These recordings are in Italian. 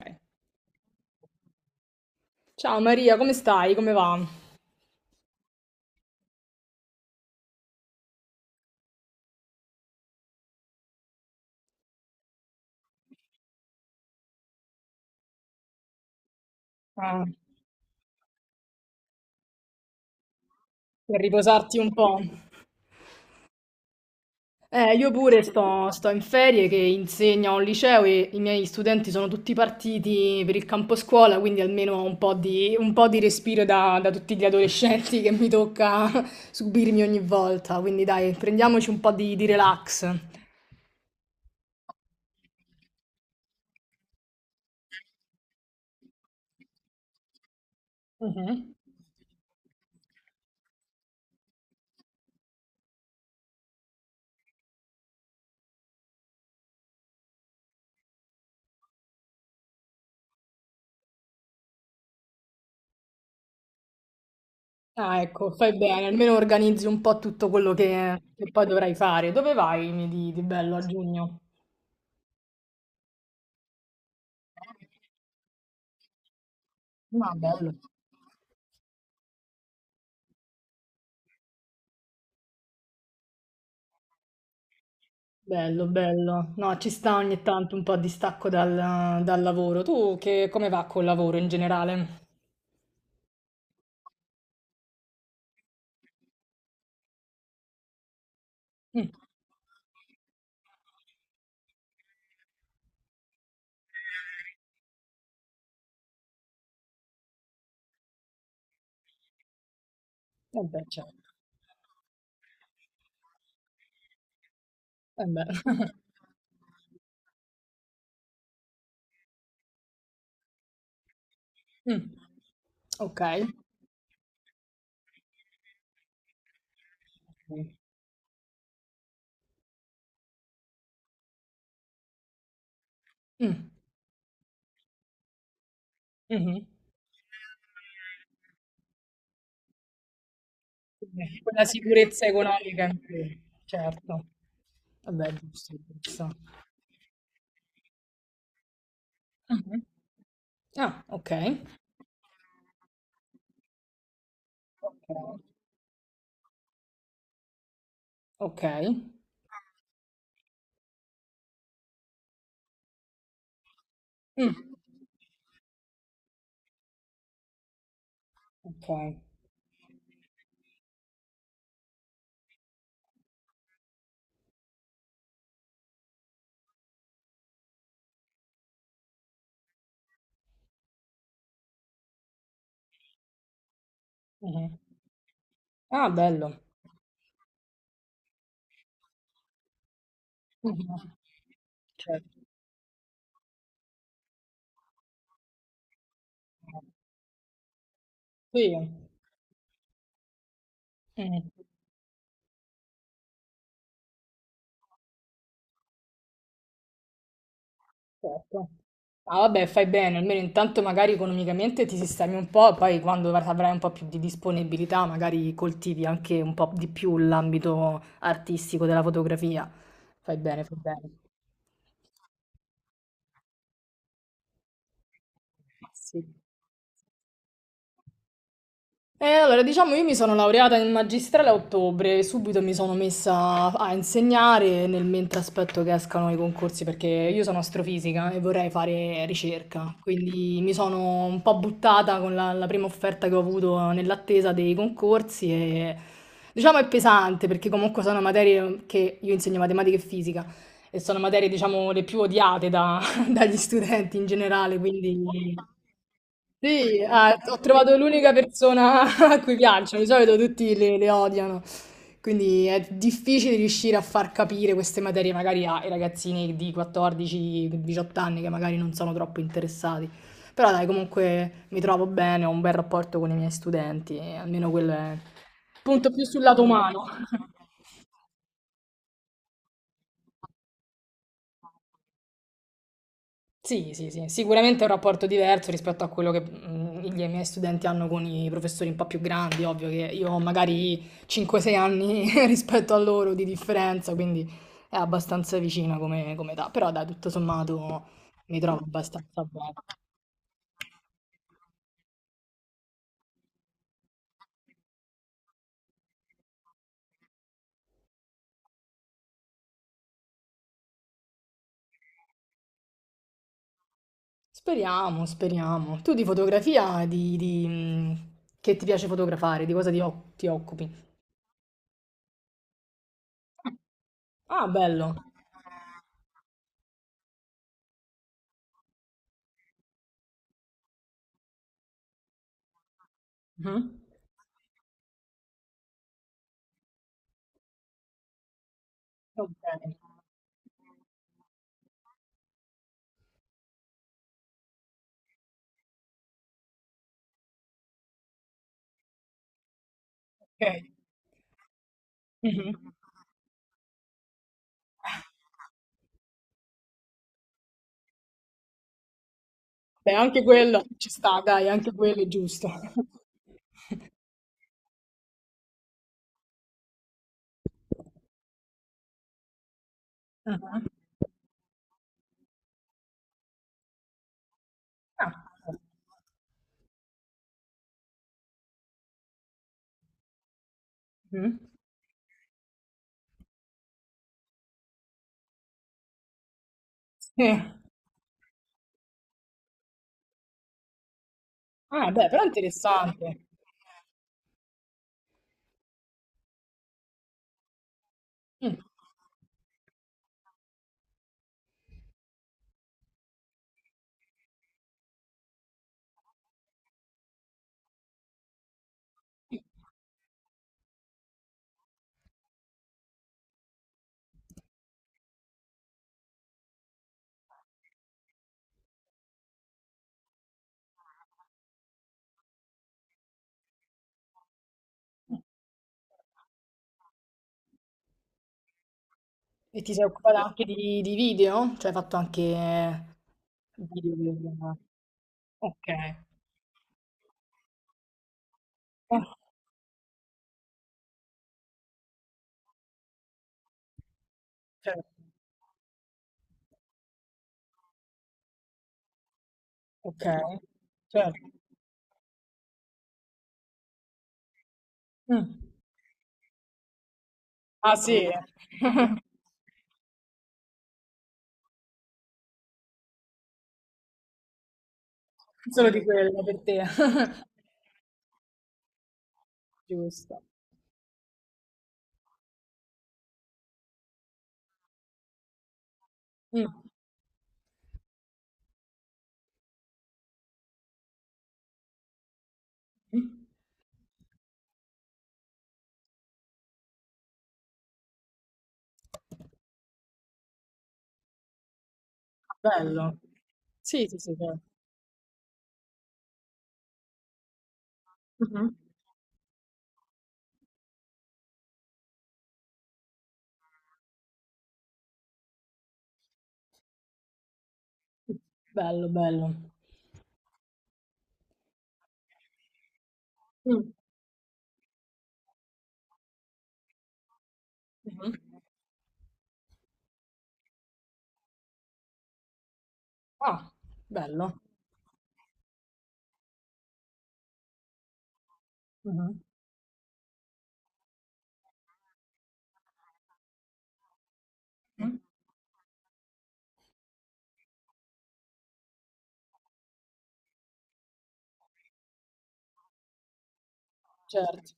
Ok. Ciao Maria, come stai? Come va? Ah, per riposarti un po'. Io pure sto in ferie che insegno a un liceo e i miei studenti sono tutti partiti per il campo scuola, quindi almeno ho un po' di respiro da tutti gli adolescenti che mi tocca subirmi ogni volta. Quindi dai, prendiamoci di relax. Mhm. Ah, ecco, fai bene, almeno organizzi un po' tutto quello che poi dovrai fare. Dove vai mi di bello a giugno? Ma bello. Bello, bello. No, ci sta ogni tanto un po' di stacco dal lavoro. Tu come va col lavoro in generale? Mm. Eh beh, certo. Eh beh. Mm. Ok. Mm. Mhm. Quindi quella sicurezza economica in più, certo. Vabbè, giusto, giusto. Mhm. Ah, ok. Ok. Ok. Mm. Ok. Mhm. Ah, bello. Mh-mh. Certo. Sì. Mh. Certo. Ah vabbè, fai bene, almeno intanto magari economicamente ti sistemi un po', poi quando av avrai un po' più di disponibilità magari coltivi anche un po' di più l'ambito artistico della fotografia. Fai bene, fai bene. Ma sì. Allora, diciamo, io mi sono laureata in magistrale a ottobre e subito mi sono messa a insegnare nel mentre aspetto che escano i concorsi perché io sono astrofisica e vorrei fare ricerca, quindi mi sono un po' buttata con la prima offerta che ho avuto nell'attesa dei concorsi e diciamo è pesante perché comunque sono materie che io insegno matematica e fisica e sono materie, diciamo, le più dagli studenti in generale, quindi... Sì, ah, ho trovato l'unica persona a cui piacciono, di solito tutti le odiano, quindi è difficile riuscire a far capire queste materie magari ai ragazzini di 14-18 anni che magari non sono troppo interessati, però dai, comunque mi trovo bene, ho un bel rapporto con i miei studenti, e almeno quello è punto più sul lato umano. Sì, sì, sì, sicuramente è un rapporto diverso rispetto a quello che i miei studenti hanno con i professori un po' più grandi, ovvio che io ho magari 5-6 anni rispetto a loro di differenza, quindi è abbastanza vicina come età, però dai, tutto sommato mi trovo abbastanza bene. Speriamo, speriamo. Tu di fotografia, che ti piace fotografare, di cosa ti occupi? Ah, bello. Mhm. Ok. Ok. Mhm. Beh, anche quello ci sta, dai, anche quello è giusto. Ah, ah, mm. Sì. Ah, beh, però è interessante. Mm. E ti sei occupata anche di video? Cioè hai fatto anche video per... Ok. Ah, certo. Ok, certo. Mm. Ah sì, solo di quello per te. Giusto. Mm. Bello. Sì, sì, sì, certo. Mhm. Bello, bello. Mm. Mh-mh. Ah, bello. Mh-mh. Certo.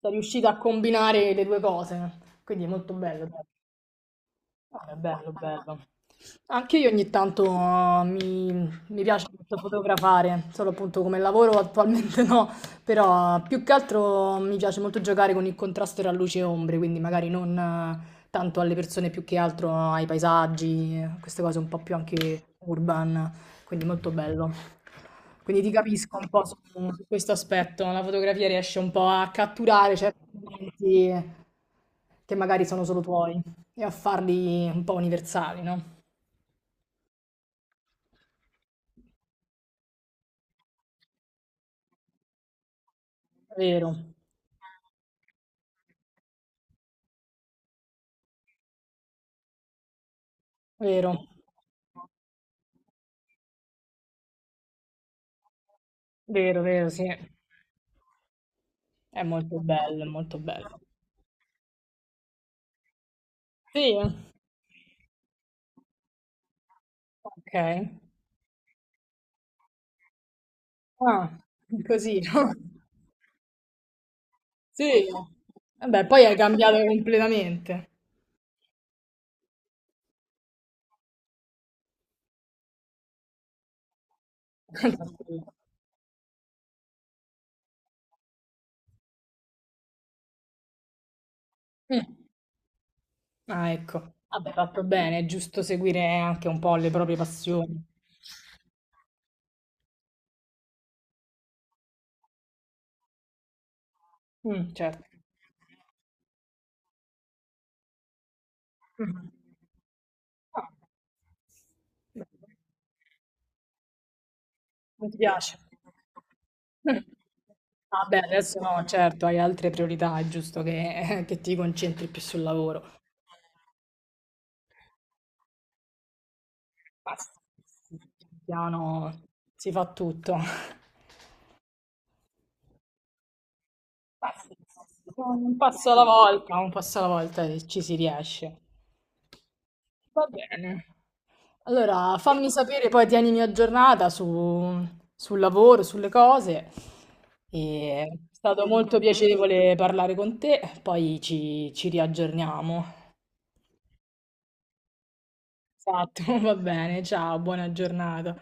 Sei riuscita a combinare le 2 cose, quindi è molto bello, dai. Ah, è bello, bello. Anche io ogni tanto mi piace molto fotografare, solo appunto come lavoro attualmente no, però più che altro mi piace molto giocare con il contrasto tra luce e ombre, quindi magari non tanto alle persone più che altro ai paesaggi, queste cose un po' più anche urban, quindi molto bello. Quindi ti capisco un po' su questo aspetto, la fotografia riesce un po' a catturare certi momenti che magari sono solo tuoi e a farli un po' universali, no? Vero, vero, vero, vero, sì. È molto bello, è molto bello. Sì, ok. Ah, così, no? Sì. Vabbè, poi hai cambiato completamente. Mm. Ah, ecco. Vabbè, fatto bene, è giusto seguire anche un po' le proprie passioni. Mm, certo. Mm. Ah. bene. Non ti piace? Mm. Ah, beh, adesso no, certo, hai altre priorità, è giusto che, che ti concentri più sul lavoro. Basta. Pian piano si fa tutto. Ma sì, un passo alla volta, un passo alla volta e ci si riesce. Va bene. Allora, fammi sapere, poi tienimi aggiornata sul lavoro, sulle cose. E è stato molto piacevole parlare con te, poi ci riaggiorniamo. Esatto, va bene, ciao, buona giornata.